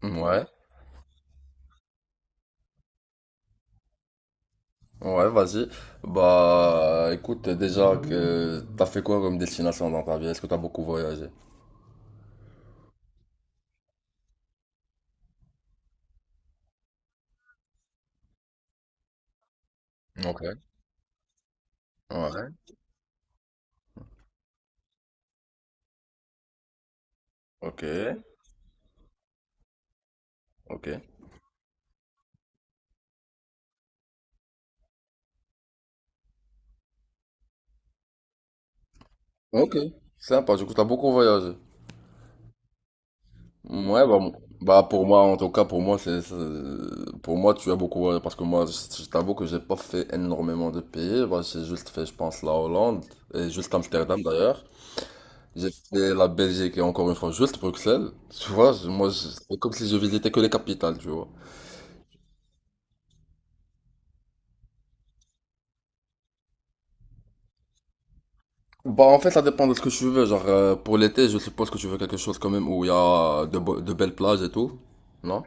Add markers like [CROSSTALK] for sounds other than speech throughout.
Ouais, ouais, vas-y. Bah, écoute, déjà que t'as fait quoi comme destination dans ta vie? Est-ce que t'as beaucoup voyagé? Ok. Ouais, ok, ok, ok. Sympa, du coup, t'as beaucoup voyagé. Ouais, bah, pour moi, en tout cas, pour moi, pour moi, tu as beaucoup voyagé parce que je t'avoue que j'ai pas fait énormément de pays. Bah, j'ai juste fait, je pense, la Hollande et juste Amsterdam d'ailleurs. J'ai fait la Belgique et encore une fois, juste Bruxelles. Tu vois, c'est comme si je visitais que les capitales, tu vois. Bah en fait ça dépend de ce que tu veux, genre pour l'été je suppose que tu veux quelque chose quand même où il y a de, de belles plages et tout, non?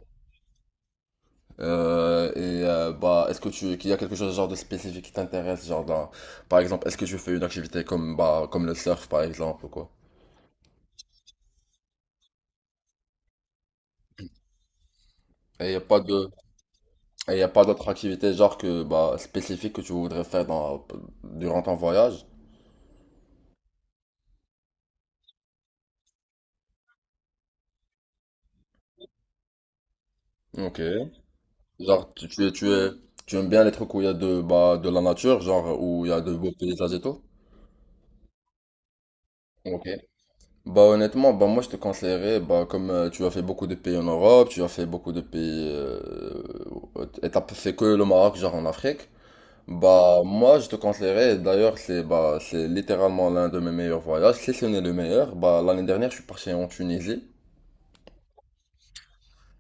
Et bah est-ce que tu qu'il y a quelque chose genre de spécifique qui t'intéresse, par exemple est-ce que tu fais une activité comme bah comme le surf par exemple ou quoi? Et il y a pas de et y a pas d'autre activité genre que bah spécifique que tu voudrais faire dans durant ton voyage? Ok. Genre tu es tu aimes bien les trucs où il y a de bah de la nature, genre où il y a de beaux paysages et tout? Ok. Bah honnêtement, bah moi je te conseillerais, bah comme tu as fait beaucoup de pays en Europe, tu as fait beaucoup de pays, et t'as pas fait que le Maroc genre en Afrique, bah moi je te conseillerais, et d'ailleurs c'est bah c'est littéralement l'un de mes meilleurs voyages, si ce n'est le meilleur, bah l'année dernière je suis parti en Tunisie,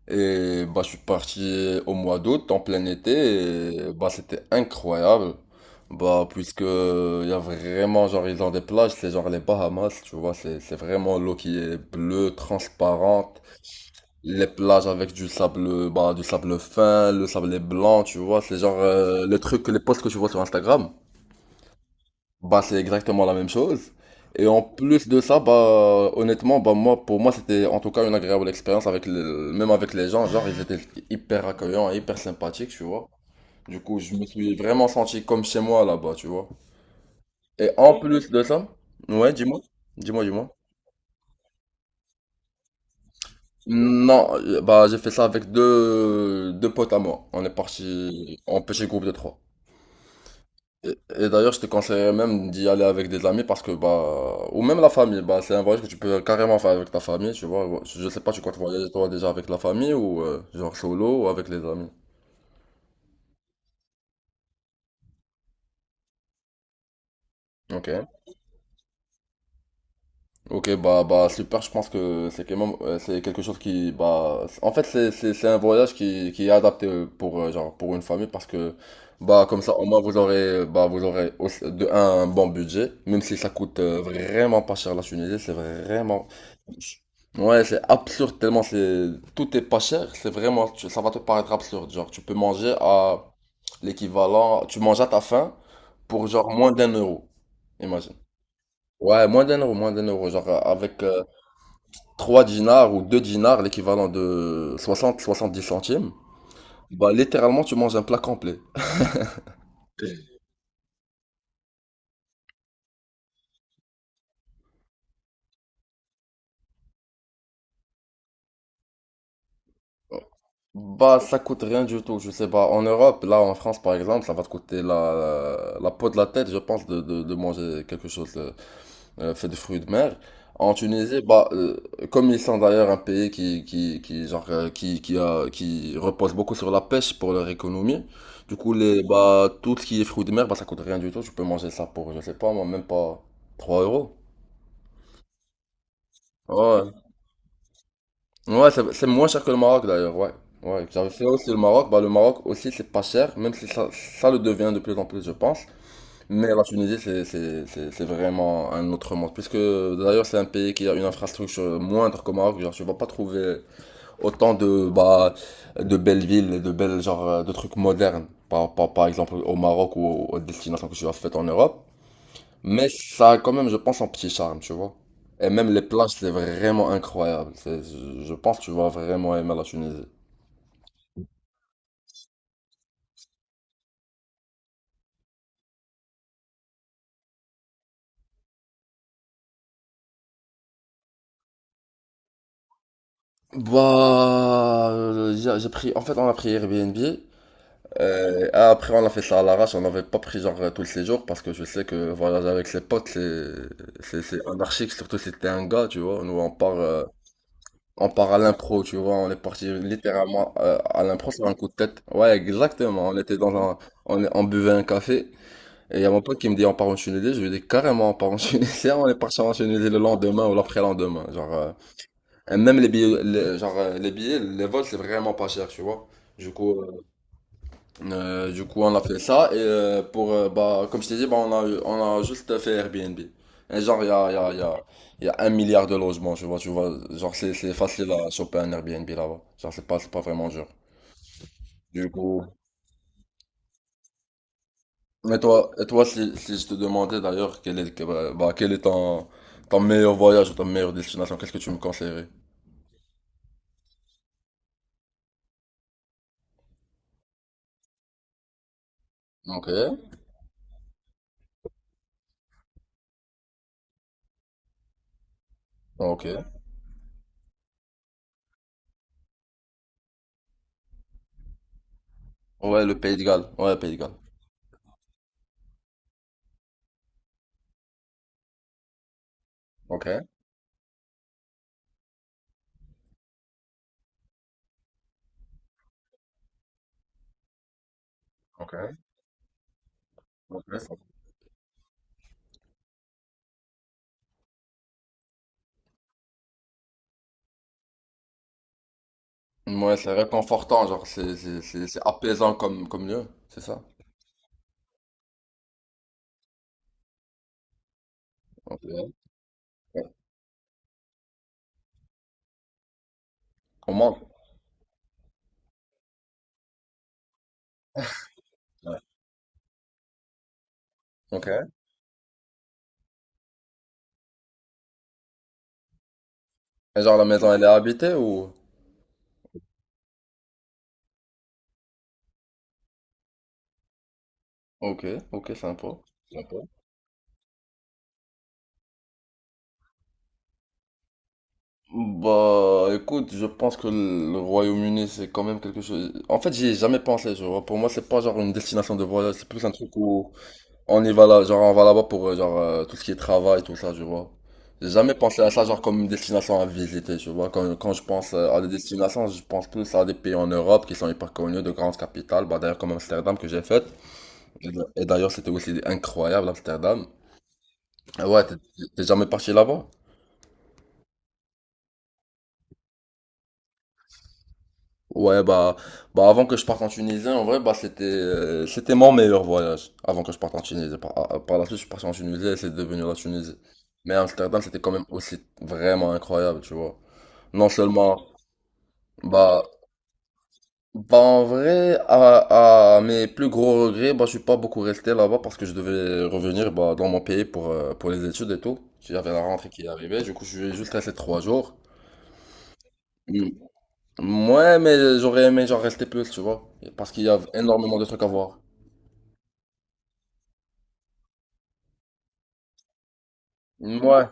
et bah, je suis parti au mois d'août, en plein été, et bah, c'était incroyable. Bah, puisque il y a vraiment, genre, ils ont des plages, c'est genre les Bahamas, tu vois, c'est vraiment l'eau qui est bleue, transparente. Les plages avec du sable, bah, du sable fin, le sable est blanc, tu vois, c'est genre le truc, les posts que tu vois sur Instagram. Bah, c'est exactement la même chose. Et en plus de ça, bah, honnêtement, bah, moi, pour moi, c'était en tout cas une agréable expérience avec le, même avec les gens. Genre, ils étaient hyper accueillants, et hyper sympathiques, tu vois. Du coup, je me suis vraiment senti comme chez moi là-bas, tu vois. Et en plus de ça, ouais, dis-moi. Non, bah, j'ai fait ça avec deux potes à moi. On est parti en petit groupe de trois. Et d'ailleurs, je te conseillerais même d'y aller avec des amis parce que, bah, ou même la famille, bah, c'est un voyage que tu peux carrément faire avec ta famille, tu vois. Je sais pas, tu comptes voyager toi déjà avec la famille ou genre solo ou avec les amis. Ok. Ok, bah, super, je pense que c'est quand même, c'est quelque chose qui, bah, en fait, c'est un voyage qui est adapté pour, genre, pour une famille parce que, bah, comme ça, au moins, vous aurez, bah, de un bon budget, même si ça coûte vraiment pas cher la Tunisie, c'est vraiment, ouais, c'est absurde tellement c'est, tout est pas cher, ça va te paraître absurde, genre, tu peux manger à l'équivalent, tu manges à ta faim pour, genre, moins d'un euro, imagine. Ouais, moins d'un euro. Genre avec 3 dinars ou 2 dinars, l'équivalent de 70 centimes, bah littéralement tu manges un plat complet. Bah ça coûte rien du tout, je sais pas. En Europe, là en France par exemple, ça va te coûter la peau de la tête, je pense, de manger quelque chose. Fait de fruits de mer. En Tunisie, bah, comme ils sont d'ailleurs un pays qui, genre, qui, qui repose beaucoup sur la pêche pour leur économie, du coup, les, bah, tout ce qui est fruits de mer, bah, ça coûte rien du tout. Tu peux manger ça pour, je sais pas, moi, même pas 3 euros. Ouais, ouais, c'est moins cher que le Maroc d'ailleurs, ouais. Ouais, j'avais fait aussi le Maroc. Bah, le Maroc aussi, c'est pas cher, même si ça le devient de plus en plus, je pense. Mais la Tunisie, c'est vraiment un autre monde. Puisque d'ailleurs, c'est un pays qui a une infrastructure moindre qu'au Maroc. Genre, tu vas pas trouver autant de, bah, de belles villes, et de belles, genre, de trucs modernes. Par exemple, au Maroc ou aux destinations que tu as faites en Europe. Mais ça a quand même, je pense, un petit charme, tu vois. Et même les plages, c'est vraiment incroyable. Je pense que tu vas vraiment aimer la Tunisie. Bah, j'ai pris, en fait, on a pris Airbnb. Après, on a fait ça à l'arrache, on n'avait pas pris genre tous les jours parce que je sais que voyager avec ses potes, c'est anarchique, surtout si t'es un gars, tu vois. Nous, on part à l'impro, tu vois. On est parti littéralement à l'impro sur un coup de tête. Ouais, exactement. On buvait un café et il y a mon pote qui me dit on part en Tunisie. Je lui dis carrément on part en Tunisie. [LAUGHS] On est parti en Tunisie le lendemain ou l'après-lendemain. Genre, et même les billets, genre les billets, les vols, c'est vraiment pas cher, tu vois. Du coup, euh, du coup, on a fait ça et pour bah comme je t'ai dit, bah, on a juste fait Airbnb. Et genre il y a il y a il y a il y a 1 milliard de logements, tu vois, genre c'est facile à choper un Airbnb là-bas. Genre c'est pas vraiment dur. Du coup, mais toi si si je te demandais d'ailleurs bah, bah, quel est ton meilleur voyage ou ta meilleure destination, qu'est-ce que tu me conseillerais? Ok, ok. Ouais, le Pays de Galles. Ouais, Pays de Galles. Ok, ok, ok, ouais, c'est réconfortant, genre, c'est apaisant comme, comme lieu, c'est ça? Ok. Ouais. On monte. Ouais. Ok. Et genre, la maison, elle est habitée ou? Ok, ok, sympa. Sympa. Bah, écoute, je pense que le Royaume-Uni, c'est quand même quelque chose. En fait, j'y ai jamais pensé, je vois. Pour moi, c'est pas genre une destination de voyage, c'est plus un truc où. On y va là, genre on va là-bas pour genre tout ce qui est travail, tout ça, tu vois. J'ai jamais pensé à ça genre comme une destination à visiter, tu vois. Quand je pense à des destinations, je pense plus à des pays en Europe qui sont hyper connus, de grandes capitales. Bah d'ailleurs comme Amsterdam que j'ai faite. Et d'ailleurs c'était aussi incroyable Amsterdam. Ah ouais, t'es jamais parti là-bas? Ouais, bah avant que je parte en Tunisie, en vrai, bah c'était c'était mon meilleur voyage avant que je parte en Tunisie. Par la suite, je suis parti en Tunisie et c'est devenu la Tunisie. Mais Amsterdam, c'était quand même aussi vraiment incroyable, tu vois. Non seulement, bah, bah en vrai, à mes plus gros regrets, bah je suis pas beaucoup resté là-bas parce que je devais revenir bah, dans mon pays pour les études et tout. J'avais la rentrée qui arrivait, du coup je suis juste resté 3 jours. Mm. Ouais, mais j'aurais aimé genre rester plus, tu vois. Parce qu'il y a énormément de trucs à voir. Ouais.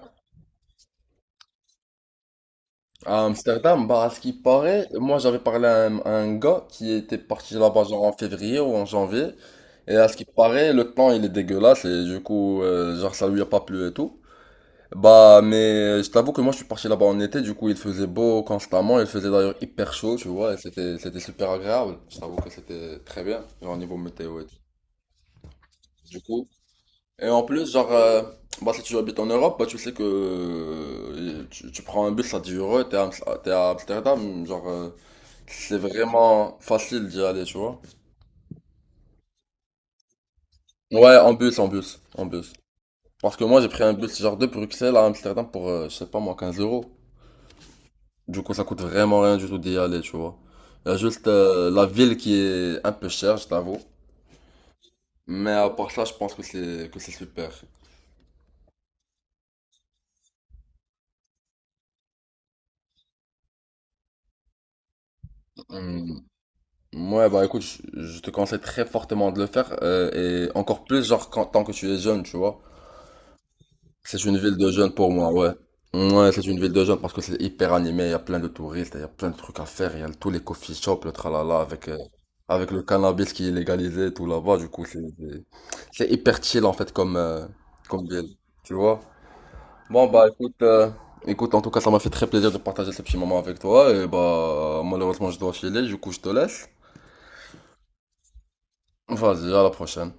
À Amsterdam, bah, à ce qui paraît, moi j'avais parlé à à un gars qui était parti là-bas genre en février ou en janvier. Et à ce qui paraît, le temps il est dégueulasse et du coup, genre ça lui a pas plu et tout. Bah, mais je t'avoue que moi je suis parti là-bas en été, du coup il faisait beau constamment, il faisait d'ailleurs hyper chaud, tu vois, et c'était super agréable. Je t'avoue que c'était très bien, genre au niveau météo et tout. Du coup, et en plus, genre, bah, si tu habites en Europe, bah, tu sais que tu prends un bus à 10 euros, t'es à Amsterdam, genre, c'est vraiment facile d'y aller, tu vois. Ouais, en bus. Parce que moi, j'ai pris un bus, genre, de Bruxelles à Amsterdam pour, je sais pas moi, 15 euros. Du coup, ça coûte vraiment rien du tout d'y aller, tu vois. Il y a juste la ville qui est un peu chère, je t'avoue. Mais à part ça, je pense que c'est super. Hmm, ouais, bah écoute, je te conseille très fortement de le faire, et encore plus, genre, tant que tu es jeune, tu vois. C'est une ville de jeunes pour moi, ouais. Ouais, c'est une ville de jeunes parce que c'est hyper animé, il y a plein de touristes, il y a plein de trucs à faire, il y a tous les coffee shops, le tralala, avec, avec le cannabis qui est légalisé, tout là-bas, du coup, c'est hyper chill, en fait, comme, comme ville, tu vois. Bon, écoute, en tout cas, ça m'a fait très plaisir de partager ce petit moment avec toi, et bah, malheureusement, je dois filer, du coup, je te laisse. Vas-y, à la prochaine.